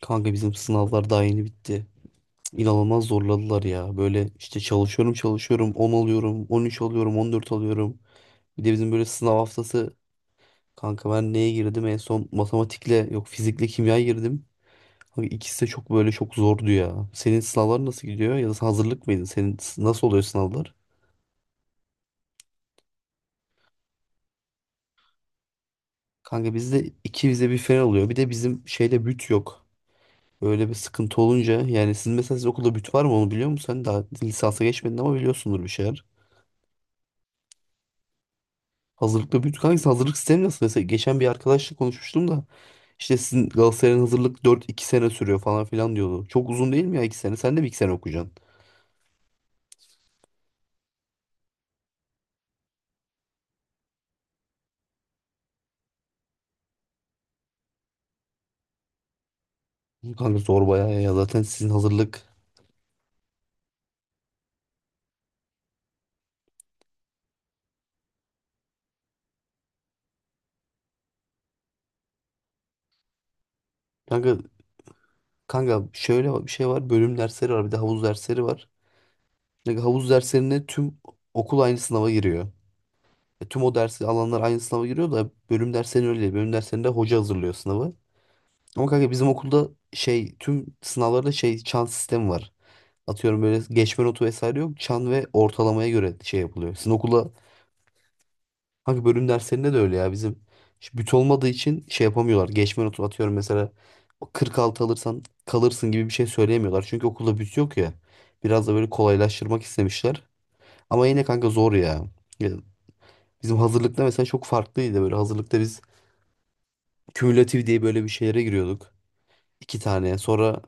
Kanka bizim sınavlar daha yeni bitti. İnanılmaz zorladılar ya. Böyle işte çalışıyorum çalışıyorum 10 alıyorum 13 alıyorum 14 alıyorum. Bir de bizim böyle sınav haftası kanka ben neye girdim en son matematikle yok fizikle kimya girdim. Kanka ikisi de çok böyle çok zordu ya. Senin sınavlar nasıl gidiyor ya da sen hazırlık mıydın? Senin nasıl oluyor sınavlar? Kanka bizde iki vize bir fen oluyor. Bir de bizim şeyde büt yok. Öyle bir sıkıntı olunca yani sizin mesela siz okulda büt var mı onu biliyor musun? Sen daha lisansa geçmedin ama biliyorsundur bir şeyler. Hazırlıkta büyüdük. Hangisi? Hazırlık sistemi nasıl? Mesela geçen bir arkadaşla konuşmuştum da işte sizin Galatasaray'ın hazırlık dört 2 sene sürüyor falan filan diyordu. Çok uzun değil mi ya 2 sene? Sen de bir iki sene okuyacaksın. Kanka zor bayağı ya. Zaten sizin hazırlık. Kanka kanka şöyle bir şey var. Bölüm dersleri var. Bir de havuz dersleri var. Kanka havuz derslerine tüm okul aynı sınava giriyor. E, tüm o dersi alanlar aynı sınava giriyor da bölüm derslerinde öyle değil. Bölüm derslerinde hoca hazırlıyor sınavı. Ama kanka bizim okulda şey tüm sınavlarda şey çan sistemi var. Atıyorum böyle geçme notu vesaire yok. Çan ve ortalamaya göre şey yapılıyor. Sizin okulda hangi bölüm derslerinde de öyle ya bizim işte büt olmadığı için şey yapamıyorlar. Geçme notu atıyorum mesela o 46 alırsan kalırsın gibi bir şey söyleyemiyorlar. Çünkü okulda büt yok ya. Biraz da böyle kolaylaştırmak istemişler. Ama yine kanka zor ya. Ya, bizim hazırlıkta mesela çok farklıydı böyle. Hazırlıkta biz kümülatif diye böyle bir şeylere giriyorduk. İki tane. Sonra.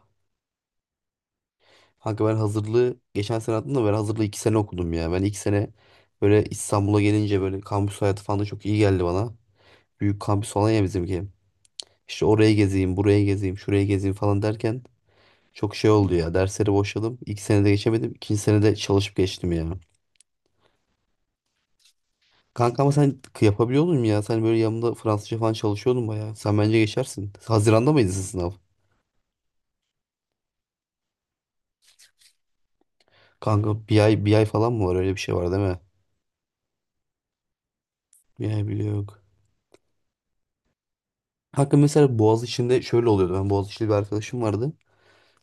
Kanka ben hazırlığı geçen sene attım da ben hazırlığı 2 sene okudum ya. Ben iki sene böyle İstanbul'a gelince böyle kampüs hayatı falan da çok iyi geldi bana. Büyük kampüs falan ya bizimki. İşte oraya gezeyim, buraya gezeyim, şuraya gezeyim falan derken çok şey oldu ya. Dersleri boşladım. İlk senede geçemedim. İkinci senede çalışıp geçtim ya. Kanka ama sen yapabiliyor musun ya? Sen böyle yanımda Fransızca falan çalışıyordun bayağı. Sen bence geçersin. Haziran'da mıydı sizin sınav? Kanka bir ay, bir ay falan mı var? Öyle bir şey var değil mi? Bir ay bile yok. Hakkı mesela Boğaziçi'nde şöyle oluyordu. Ben Boğaziçi'li bir arkadaşım vardı.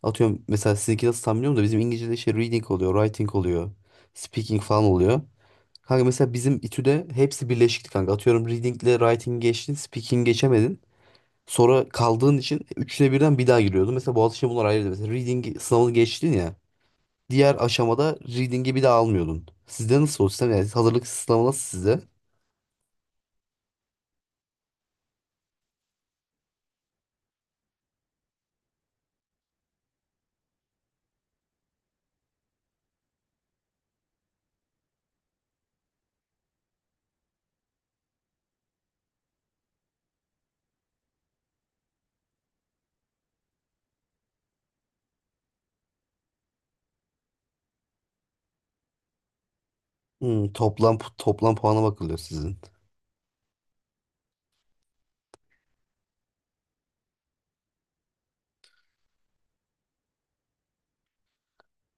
Atıyorum mesela sizinki nasıl tam bilmiyorum da bizim İngilizce'de şey reading oluyor, writing oluyor, speaking falan oluyor. Kanka mesela bizim İTÜ'de hepsi birleşikti kanka. Atıyorum reading'le writing geçtin, speaking geçemedin. Sonra kaldığın için üçüne birden bir daha giriyordun. Mesela Boğaziçi'nde bunlar ayrıydı. Mesela reading sınavını geçtin ya. Diğer aşamada reading'i bir daha almıyordun. Sizde nasıl o sistem? Yani hazırlık sınavı nasıl sizde? Hmm, toplam puana bakılıyor sizin.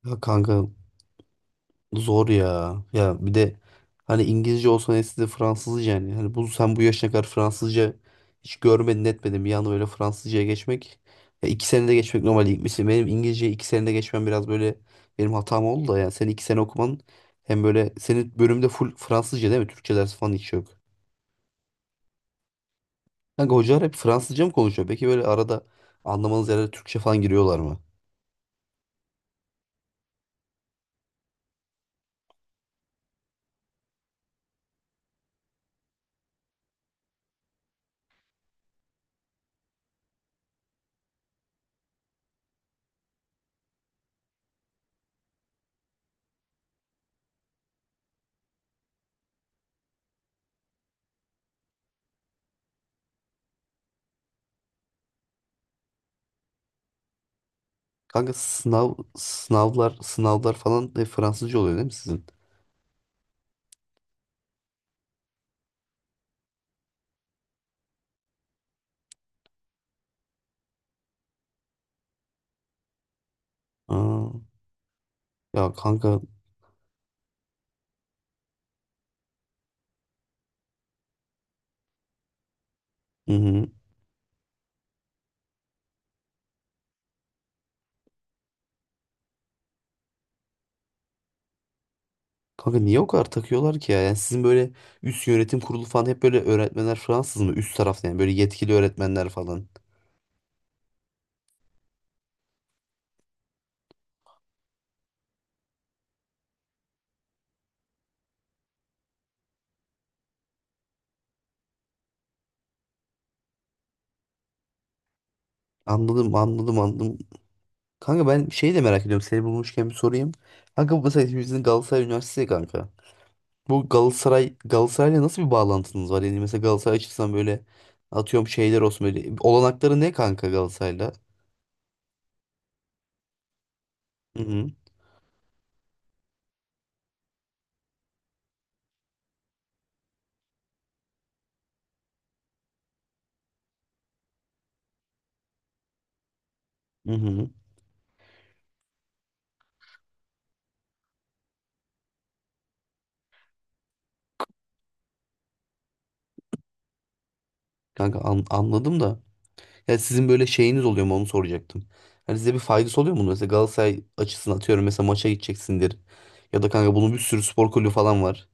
Ya kanka, zor ya. Ya bir de hani İngilizce olsa neyse de Fransızca yani. Hani bu sen bu yaşına kadar Fransızca hiç görmedin etmedin. Bir anda böyle Fransızcaya geçmek. Ya 2 senede geçmek normal değil. Mesela benim İngilizceyi 2 senede geçmem biraz böyle benim hatam oldu da yani senin 2 sene okuman hem böyle senin bölümde full Fransızca değil mi? Türkçe dersi falan hiç yok. Kanka hocalar hep Fransızca mı konuşuyor? Peki böyle arada anlamanız yerlere Türkçe falan giriyorlar mı? Kanka sınavlar falan hep Fransızca oluyor değil mi sizin? Aa, ya kanka. Hı hı. Kanka niye o kadar takıyorlar ki ya? Yani sizin böyle üst yönetim kurulu falan hep böyle öğretmenler Fransız mı? Üst tarafta yani böyle yetkili öğretmenler falan. Anladım anladım anladım. Kanka ben şeyi de merak ediyorum. Seni bulmuşken bir sorayım. Kanka bu mesela hepimizin Galatasaray Üniversitesi ya kanka. Bu Galatasaray Galatasaray'la nasıl bir bağlantınız var? Yani mesela Galatasaray açısından böyle atıyorum şeyler olsun böyle. Olanakları ne kanka Galatasaray'la? Hı hı. Hı hı. Kanka anladım da. Ya sizin böyle şeyiniz oluyor mu onu soracaktım. Hani size bir faydası oluyor mu bunun? Mesela Galatasaray açısından atıyorum mesela maça gideceksindir. Ya da kanka bunun bir sürü spor kulübü falan var.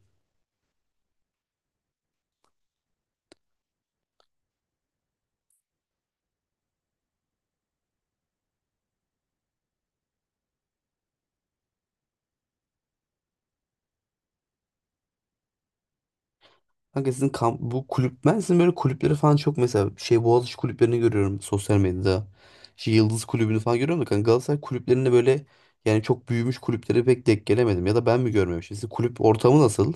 Kanka sizin bu kulüp ben sizin böyle kulüpleri falan çok mesela şey Boğaziçi kulüplerini görüyorum sosyal medyada. Şey Yıldız kulübünü falan görüyorum da kanka Galatasaray kulüplerinde böyle yani çok büyümüş kulüplere pek denk gelemedim. Ya da ben mi görmemişim? Sizin kulüp ortamı nasıl?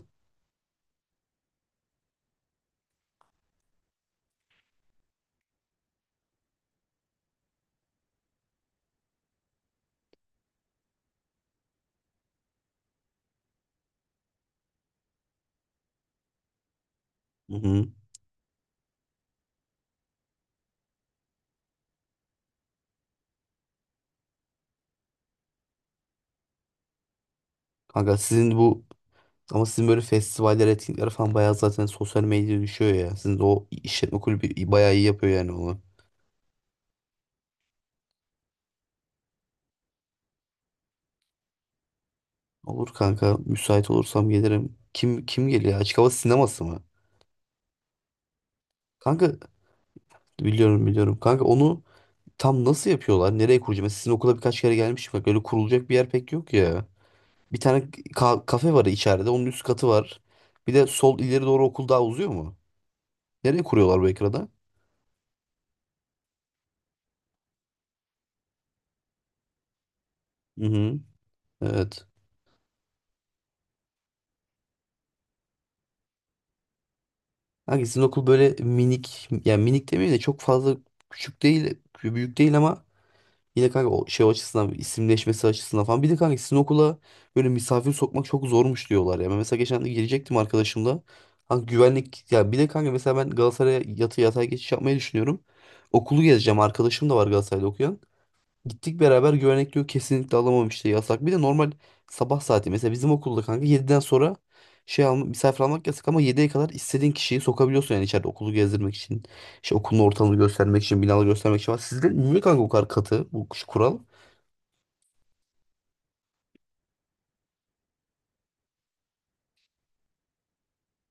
Hı hı. Kanka sizin bu Ama sizin böyle festivaller, etkinlikler falan bayağı zaten sosyal medyaya düşüyor ya. Sizin de o işletme kulübü bayağı iyi yapıyor yani onu. Olur kanka, müsait olursam gelirim. Kim kim geliyor? Açık hava sineması mı? Kanka biliyorum biliyorum. Kanka onu tam nasıl yapıyorlar? Nereye kuracağım? Mesela sizin okula birkaç kere gelmişim. Bak öyle kurulacak bir yer pek yok ya. Bir tane kafe var içeride. Onun üst katı var. Bir de sol ileri doğru okul daha uzuyor mu? Nereye kuruyorlar bu ekrada? Hı hı. Evet. Kanka sizin okul böyle minik yani minik demeyeyim de çok fazla küçük değil büyük değil ama yine kanka o şey açısından isimleşmesi açısından falan bir de kanka sizin okula böyle misafir sokmak çok zormuş diyorlar ya. Ben mesela geçen de gelecektim arkadaşımla. Kanka güvenlik ya bir de kanka mesela ben Galatasaray'a yatay geçiş yapmayı düşünüyorum. Okulu gezeceğim arkadaşım da var Galatasaray'da okuyan. Gittik beraber güvenlik diyor kesinlikle alamam işte yasak. Bir de normal sabah saati mesela bizim okulda kanka 7'den sonra şey alma, misafir almak yasak ama 7'ye kadar istediğin kişiyi sokabiliyorsun yani içeride okulu gezdirmek için. İşte okulun ortamını göstermek için, binaları göstermek için falan. Sizde niye kanka bu kadar katı bu kural?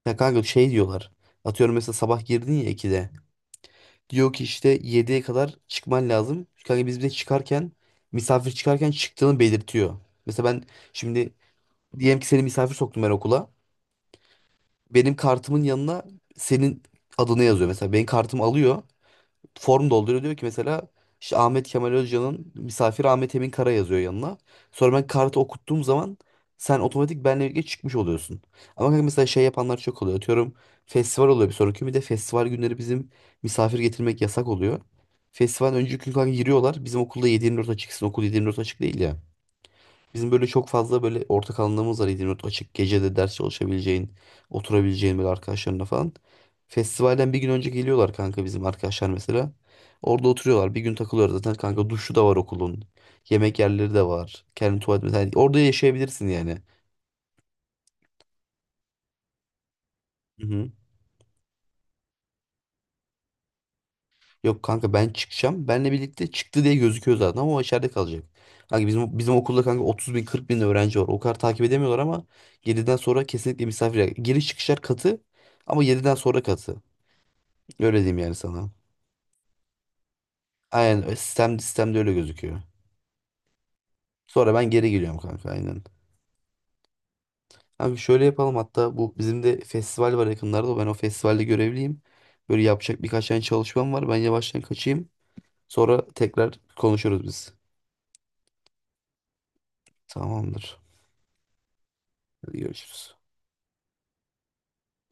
Ya kanka şey diyorlar. Atıyorum mesela sabah girdin ya 2'de. Diyor ki işte 7'ye kadar çıkman lazım. Kanka biz bir de çıkarken misafir çıkarken çıktığını belirtiyor. Mesela ben şimdi diyelim ki seni misafir soktum ben okula. Benim kartımın yanına senin adını yazıyor. Mesela benim kartımı alıyor. Form dolduruyor diyor ki mesela işte Ahmet Kemal Özcan'ın misafir Ahmet Emin Kara yazıyor yanına. Sonra ben kartı okuttuğum zaman sen otomatik benle birlikte çıkmış oluyorsun. Ama kanka mesela şey yapanlar çok oluyor. Atıyorum festival oluyor bir sonraki gün. Bir de festival günleri bizim misafir getirmek yasak oluyor. Festival önceki gün kanka giriyorlar. Bizim okulda 7-24 açıksın. Okul 7-24 açık değil ya. Bizim böyle çok fazla böyle ortak alanlarımız var İzmir'de açık gecede ders çalışabileceğin, oturabileceğin böyle arkadaşlarına falan. Festivalden bir gün önce geliyorlar kanka bizim arkadaşlar mesela. Orada oturuyorlar. Bir gün takılıyorlar zaten kanka duşu da var okulun. Yemek yerleri de var. Kendi tuvalet mesela. Yani orada yaşayabilirsin yani. Hı hı. Yok kanka, ben çıkacağım. Benle birlikte çıktı diye gözüküyor zaten ama o içeride kalacak. Kanka bizim okulda kanka 30.000 40.000 öğrenci var. O kadar takip edemiyorlar ama yediden sonra kesinlikle misafir. Giriş çıkışlar katı ama yediden sonra katı. Öyle diyeyim yani sana. Aynen sistemde öyle gözüküyor. Sonra ben geri geliyorum kanka aynen. Abi şöyle yapalım hatta bu bizim de festival var yakınlarda. Ben o festivalde görevliyim. Böyle yapacak birkaç tane çalışmam var. Ben yavaştan kaçayım. Sonra tekrar konuşuruz biz. Tamamdır. Hadi görüşürüz.